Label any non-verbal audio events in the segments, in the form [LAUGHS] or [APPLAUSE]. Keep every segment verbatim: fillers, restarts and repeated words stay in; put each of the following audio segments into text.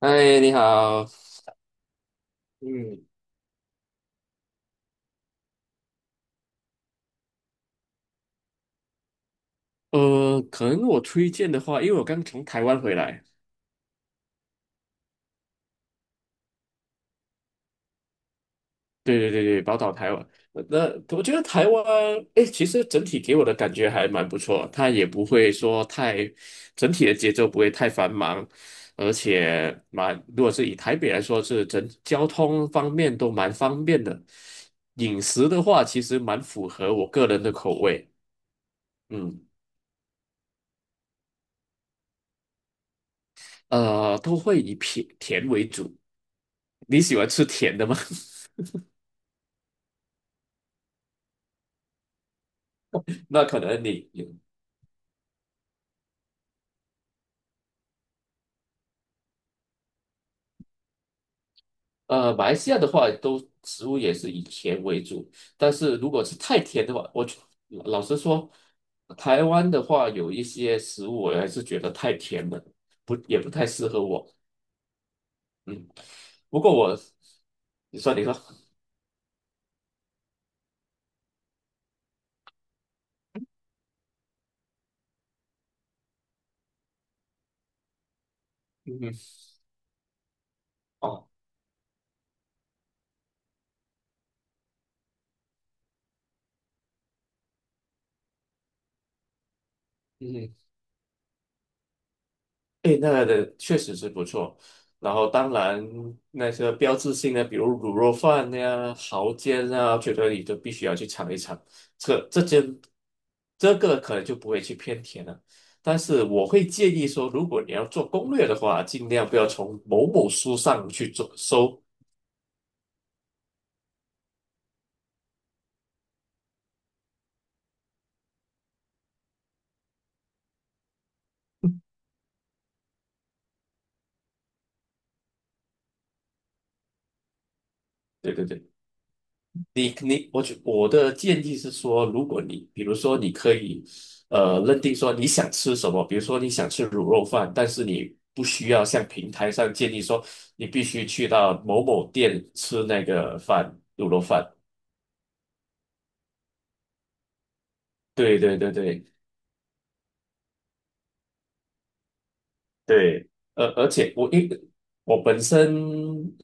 嗨，你好。嗯，呃，可能我推荐的话，因为我刚从台湾回来。对对对对，宝岛台湾。呃那我觉得台湾，哎，其实整体给我的感觉还蛮不错，它也不会说太，整体的节奏不会太繁忙，而且蛮，如果是以台北来说，是整交通方面都蛮方便的。饮食的话，其实蛮符合我个人的口味。嗯，呃，都会以甜甜为主。你喜欢吃甜的吗？[LAUGHS] 那可能你呃，马来西亚的话，都食物也是以甜为主，但是如果是太甜的话，我觉老实说，台湾的话有一些食物我还是觉得太甜了，不也不太适合我。嗯，不过我，你说你说，嗯，哦，嗯。诶，那个的确实是不错。然后，当然那些标志性的，比如卤肉饭呀、蚝煎啊，觉得你都必须要去尝一尝。这这间这个可能就不会去偏甜了。但是我会建议说，如果你要做攻略的话，尽量不要从某某书上去做搜。对对对。你你，我觉我的建议是说，如果你比如说你可以，呃，认定说你想吃什么，比如说你想吃卤肉饭，但是你不需要像平台上建议说你必须去到某某店吃那个饭，卤肉饭。对对对对对，而而且我因为我本身，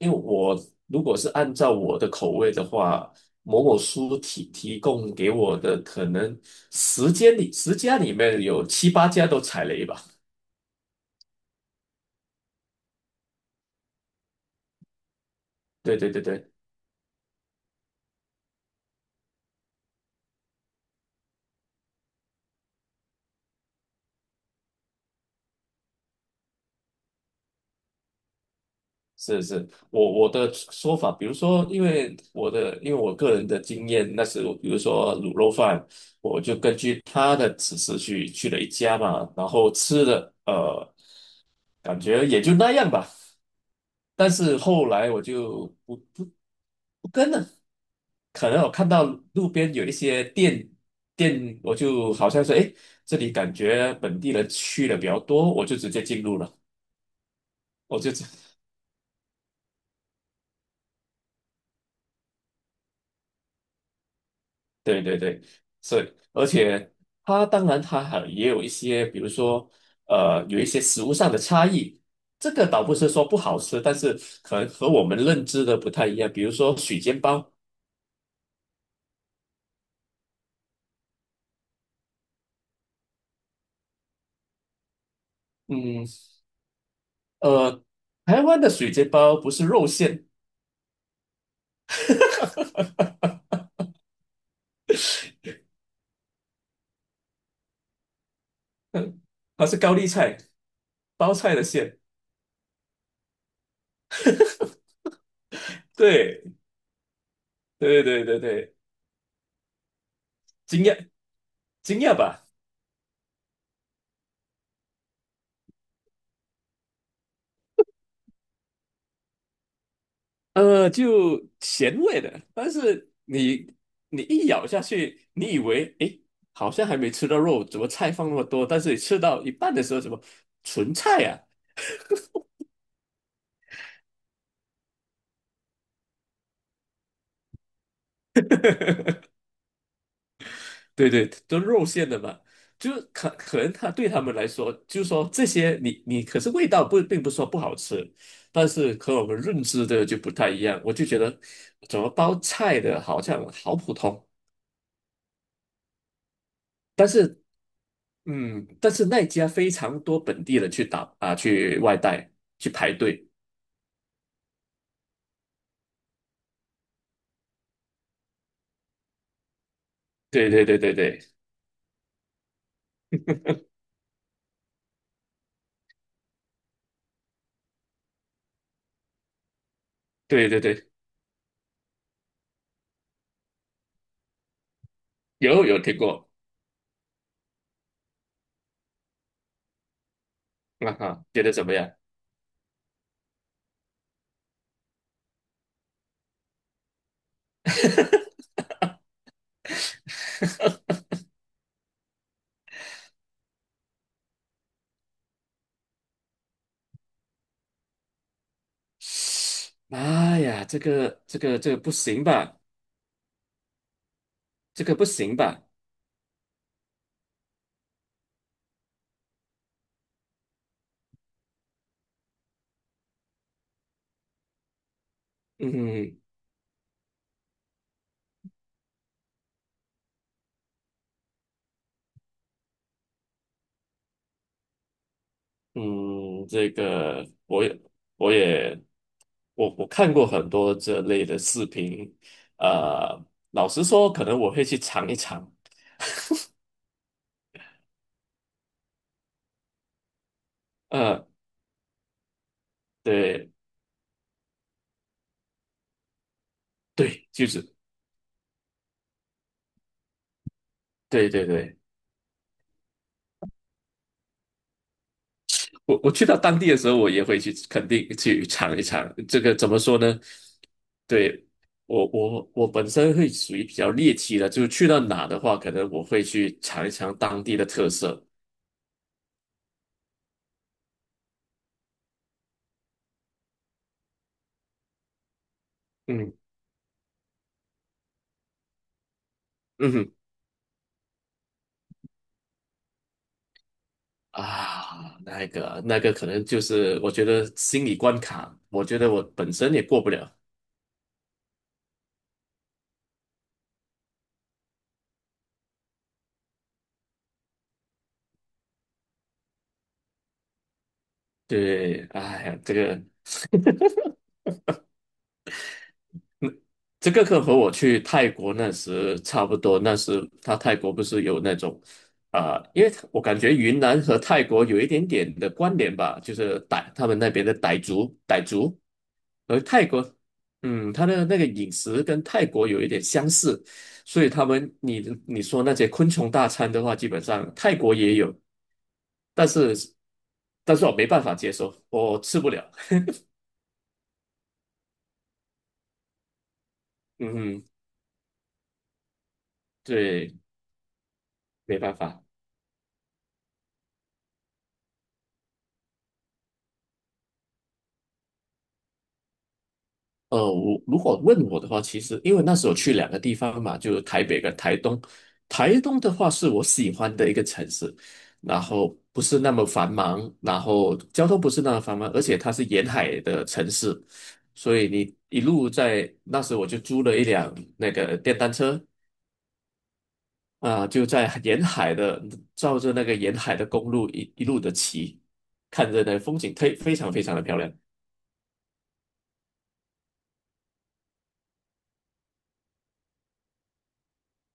因为我如果是按照我的口味的话，某某书提提供给我的可能十间里十家里面有七八家都踩雷吧。对对对对，是是，我我的说法，比如说，因为我的因为我个人的经验，那时我比如说卤肉饭，我就根据他的指示去去了一家嘛，然后吃的呃，感觉也就那样吧。但是后来我就不不不跟了，可能我看到路边有一些店店，我就好像说，诶，这里感觉本地人去的比较多，我就直接进入了，我就 [LAUGHS] 对对对，是，而且它当然它还也有一些，比如说呃，有一些食物上的差异，这个倒不是说不好吃，但是可能和我们认知的不太一样。比如说水煎包。嗯，呃，台湾的水煎包不是肉馅，[LAUGHS] 它是高丽菜包菜的馅。对对对对对，惊讶惊讶吧？呃，就咸味的，但是你你一咬下去，你以为诶，好像还没吃到肉，怎么菜放那么多？但是你吃到一半的时候，什么纯菜啊？对对，都肉馅的嘛，就可可能他对他们来说，就说这些你你可是味道不并不是说不好吃，但是和我们认知的就不太一样，我就觉得怎么包菜的好像好普通。但是嗯，但是那家非常多本地人去打啊，去外带去排队。对对对对对对对对，有有听过，啊哈，觉得怎么样？妈呀，这个这个这个不行吧？这个不行吧？嗯嗯，这个我也我也我我看过很多这类的视频，呃，老实说，可能我会去尝一尝。呃，对对，就是对对对。我我去到当地的时候，我也会去肯定去尝一尝。这个怎么说呢？对，我我我本身会属于比较猎奇的，就是去到哪的话，可能我会去尝一尝当地的特色。嗯嗯哼啊，那个那个可能就是我觉得心理关卡，我觉得我本身也过不了。对，哎呀，这个这个课和我去泰国那时差不多，那时他泰国不是有那种啊、因为我感觉云南和泰国有一点点的关联吧，就是傣他们那边的傣族，傣族，而泰国，嗯，他的那个饮食跟泰国有一点相似，所以他们你你说那些昆虫大餐的话，基本上泰国也有，但是但是我没办法接受，我吃不了。嗯，对，没办法。呃，我如果问我的话，其实因为那时候去两个地方嘛，就是台北跟台东。台东的话是我喜欢的一个城市，然后不是那么繁忙，然后交通不是那么繁忙，而且它是沿海的城市，所以你一路在那时候我就租了一辆那个电单车啊、就在沿海的照着那个沿海的公路一一路的骑，看着那风景，非非常非常的漂亮。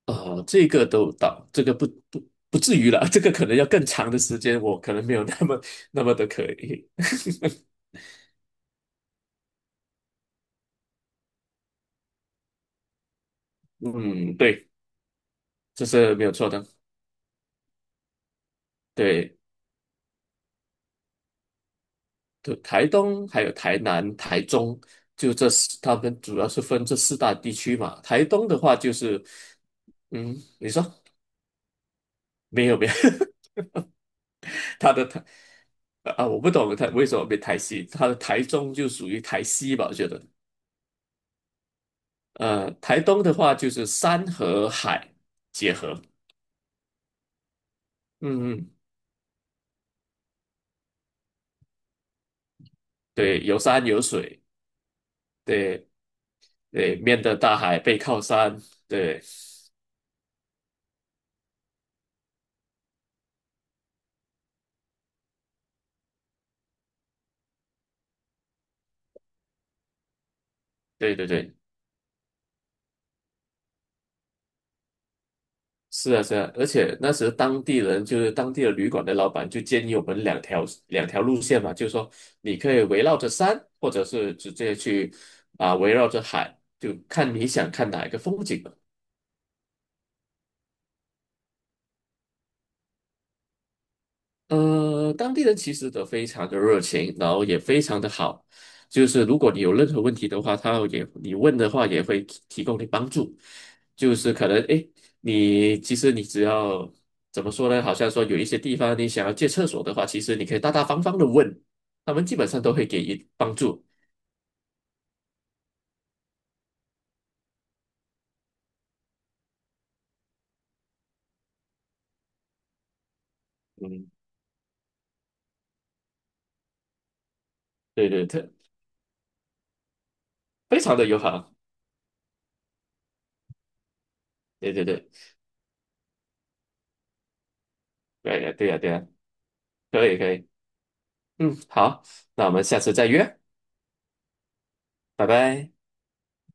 呃，这个都到，这个不不不至于了，[LAUGHS] 这个可能要更长的时间，我可能没有那么那么的可以。[LAUGHS] 嗯，对，这是没有错的。对，就台东还有台南、台中，就这四，他们主要是分这四大地区嘛。台东的话就是，嗯，你说没有没有，[LAUGHS] 他的台啊，我不懂他为什么被台西，他的台中就属于台西吧，我觉得。呃，台东的话就是山和海结合。嗯嗯，对，有山有水。对对，面的大海，背靠山，对对对对，是啊是啊，而且那时当地人就是当地的旅馆的老板就建议我们两条两条路线嘛，就是说你可以围绕着山，或者是直接去啊、围绕着海，就看你想看哪一个风景。呃，当地人其实都非常的热情，然后也非常的好。就是如果你有任何问题的话，他也你问的话也会提提供你帮助。就是可能诶，你其实你只要怎么说呢？好像说有一些地方你想要借厕所的话，其实你可以大大方方的问，他们基本上都会给予帮助。嗯，对对，特非常的友好。对对对，对呀对呀对呀，可以可以。嗯，好，那我们下次再约，拜拜。